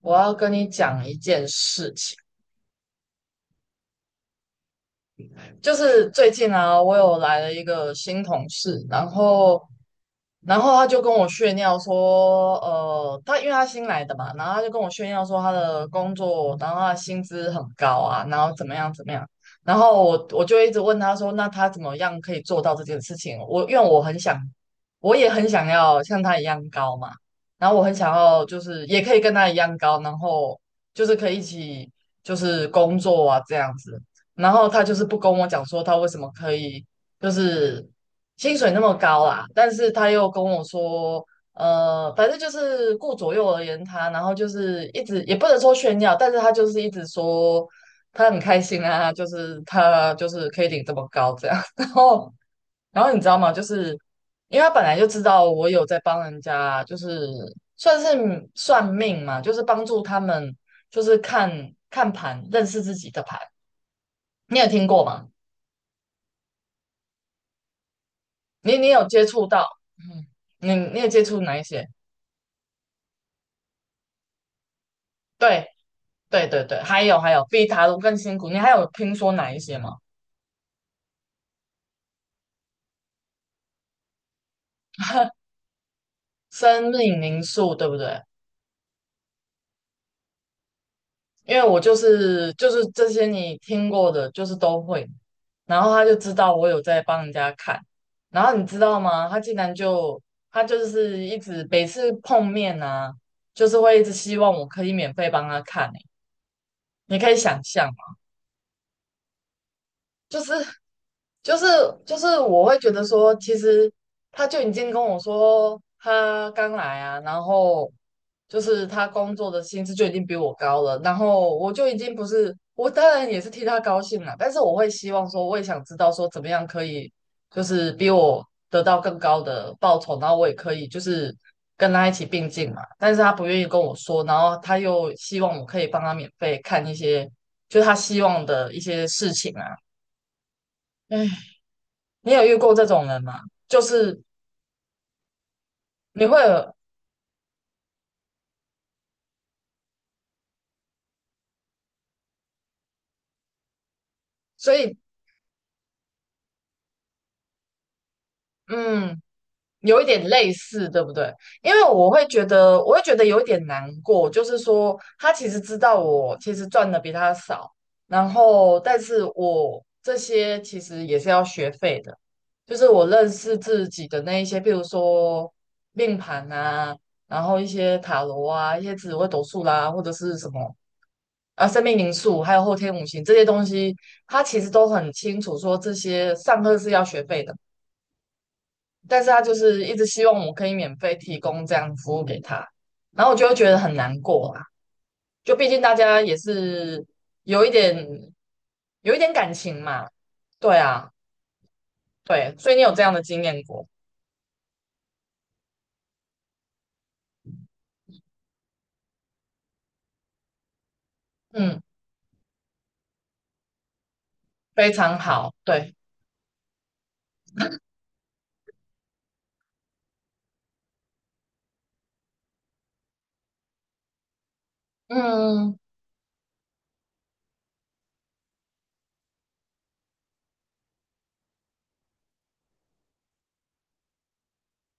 我要跟你讲一件事情，就是最近啊，我有来了一个新同事，然后他就跟我炫耀说，他因为他新来的嘛，然后他就跟我炫耀说他的工作，然后他的薪资很高啊，然后怎么样怎么样，然后我就一直问他说，那他怎么样可以做到这件事情？我因为我很想，我也很想要像他一样高嘛，然后我很想要就是也可以跟他一样高，然后就是可以一起就是工作啊这样子，然后他就是不跟我讲说他为什么可以。就是薪水那么高啦，但是他又跟我说，反正就是顾左右而言他，然后就是一直也不能说炫耀，但是他就是一直说他很开心啊，就是他就是可以领这么高这样，然后你知道吗？就是因为他本来就知道我有在帮人家，就是算是算命嘛，就是帮助他们就是看看盘，认识自己的盘，你有听过吗？你有接触到？嗯，你有接触哪一些？对，对对对，还有还有，比塔卢更辛苦。你还有听说哪一些吗？生命灵数，对不对？因为我就是这些你听过的，就是都会。然后他就知道我有在帮人家看，然后你知道吗？他竟然就他就是一直每次碰面啊，就是会一直希望我可以免费帮他看、欸。你可以想象，就是就是就是我会觉得说，其实他就已经跟我说他刚来啊，然后就是他工作的薪资就已经比我高了，然后我就已经不是，我当然也是替他高兴了，但是我会希望说，我也想知道说怎么样可以就是比我得到更高的报酬，然后我也可以就是跟他一起并进嘛，但是他不愿意跟我说，然后他又希望我可以帮他免费看一些，就是他希望的一些事情啊。哎，你有遇过这种人吗？就是你会有，所以嗯，有一点类似，对不对？因为我会觉得，我会觉得有一点难过，就是说他其实知道我其实赚的比他少，然后但是我这些其实也是要学费的，就是我认识自己的那一些，比如说命盘啊，然后一些塔罗啊，一些紫微斗数啦，或者是什么啊，生命灵数，还有后天五行这些东西，他其实都很清楚说这些上课是要学费的，但是他就是一直希望我可以免费提供这样的服务给他，然后我就会觉得很难过啊，就毕竟大家也是有一点有一点感情嘛，对啊，对，所以你有这样的经验过，嗯，非常好，对，嗯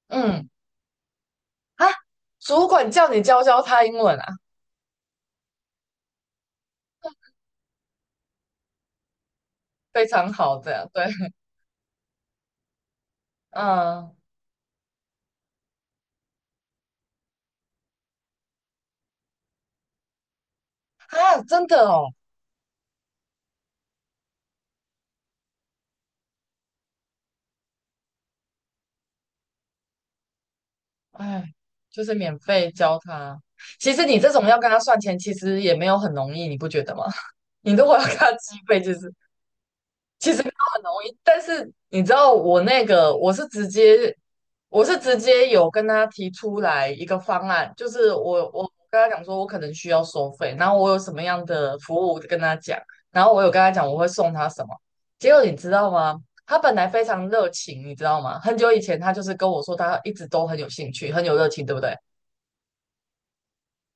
嗯啊，主管叫你教教他英文啊，非常好的，对，嗯啊，真的哦。哎，就是免费教他。其实你这种要跟他算钱，其实也没有很容易，你不觉得吗？你如果要跟他计费，就是其实没有很容易，但是你知道我那个，我是直接，我是直接有跟他提出来一个方案，就是我跟他讲说，我可能需要收费，然后我有什么样的服务跟他讲，然后我有跟他讲我会送他什么，结果你知道吗？他本来非常热情，你知道吗？很久以前他就是跟我说，他一直都很有兴趣，很有热情，对不对？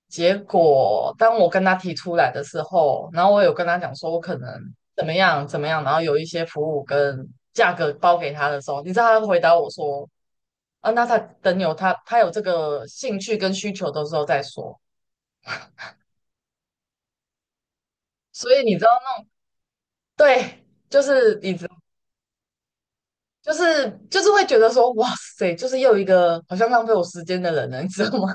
结果当我跟他提出来的时候，然后我有跟他讲说我可能怎么样怎么样，然后有一些服务跟价格包给他的时候，你知道他回答我说啊，那他等有他有这个兴趣跟需求的时候再说。所以你知道吗？对，就是你知，就是会觉得说哇塞，就是又一个好像浪费我时间的人了，你知道吗？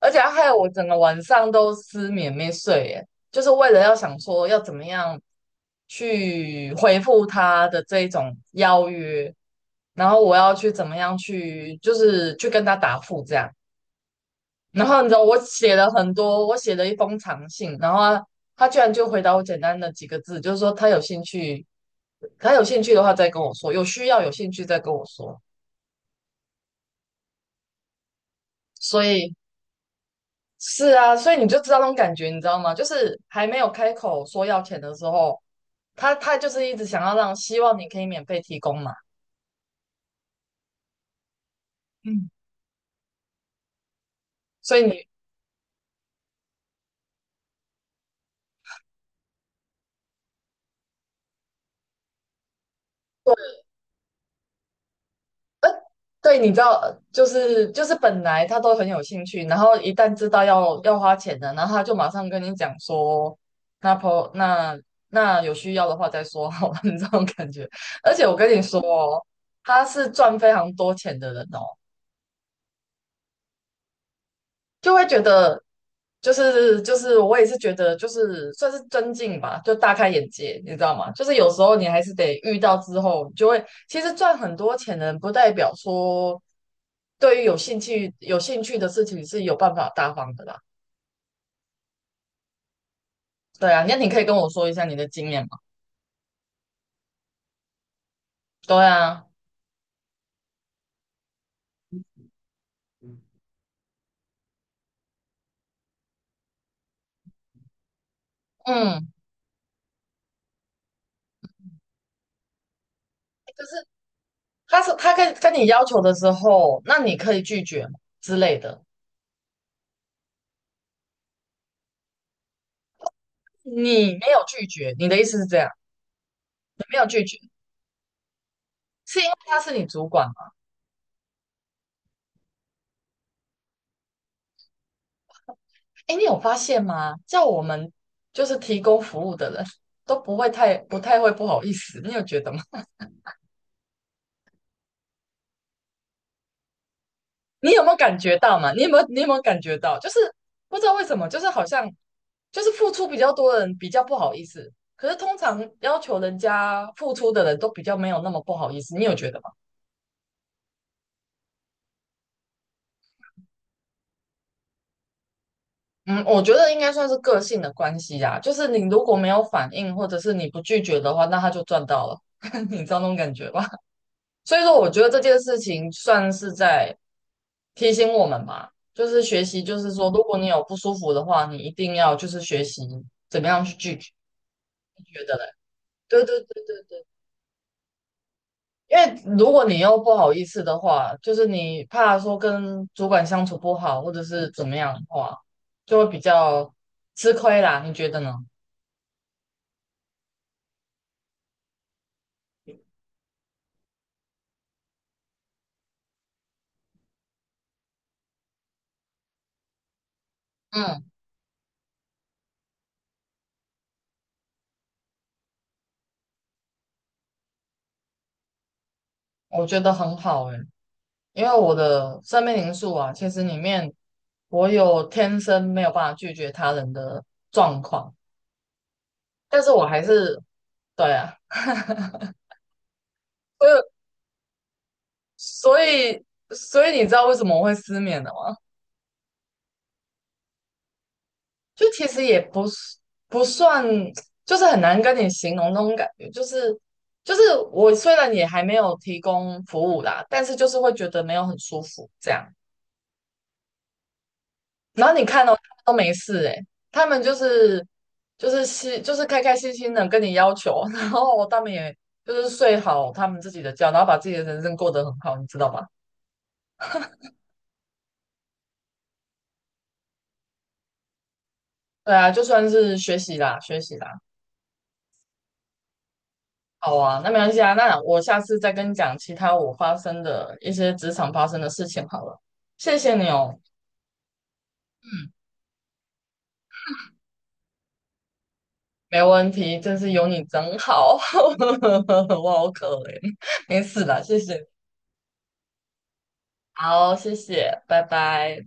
而且害我整个晚上都失眠没睡，耶，就是为了要想说要怎么样去回复他的这一种邀约，然后我要去怎么样去，就是去跟他答复这样。然后你知道我写了很多，我写了一封长信，然后他居然就回答我简单的几个字，就是说他有兴趣，他有兴趣的话再跟我说，有需要有兴趣再跟我说。所以是啊，所以你就知道那种感觉，你知道吗？就是还没有开口说要钱的时候，他就是一直想要让，希望你可以免费提供嘛。嗯，所以你对对，你知道，就是本来他都很有兴趣，然后一旦知道要花钱的，然后他就马上跟你讲说，那婆那那有需要的话再说好了，你这种感觉。而且我跟你说哦，他是赚非常多钱的人哦。就会觉得，就是我也是觉得，就是算是尊敬吧，就大开眼界，你知道吗？就是有时候你还是得遇到之后，你就会其实赚很多钱的人，不代表说对于有兴趣的事情是有办法大方的啦。对啊，那你可以跟我说一下你的经验吗？对啊，嗯嗯就是他是他跟你要求的时候，那你可以拒绝吗之类的，你没有拒绝，你的意思是这样，没有拒绝，是因为他是你主管。哎，你有发现吗？叫我们就是提供服务的人都不会太不太会不好意思，你有觉得吗？你有没有感觉到嘛？你有没有感觉到？就是不知道为什么，就是好像就是付出比较多的人比较不好意思，可是通常要求人家付出的人都比较没有那么不好意思，你有觉得吗？嗯，我觉得应该算是个性的关系啊，就是你如果没有反应，或者是你不拒绝的话，那他就赚到了，你知道那种感觉吧？所以说，我觉得这件事情算是在提醒我们吧，就是学习，就是说，如果你有不舒服的话，你一定要就是学习怎么样去拒绝，你觉得嘞？对对对对对，因为如果你又不好意思的话，就是你怕说跟主管相处不好，或者是怎么样的话，就会比较吃亏啦，你觉得呢？嗯，我觉得很好诶、因为我的生命灵数啊，其实里面我有天生没有办法拒绝他人的状况，但是我还是对啊，所以你知道为什么我会失眠的吗？就其实也不是不算，就是很难跟你形容那种感觉，就是我虽然也还没有提供服务啦，但是就是会觉得没有很舒服这样。然后你看到他们都没事诶，他们就是心就是开开心心的跟你要求，然后他们也就是睡好他们自己的觉，然后把自己的人生过得很好，你知道吗？对啊，就算是学习啦，学习啦，好啊，那没关系啊，那我下次再跟你讲其他我发生的一些职场发生的事情好了。谢谢你哦，没问题，真是有你真好，我好可怜，没事啦，谢谢，好，谢谢，拜拜。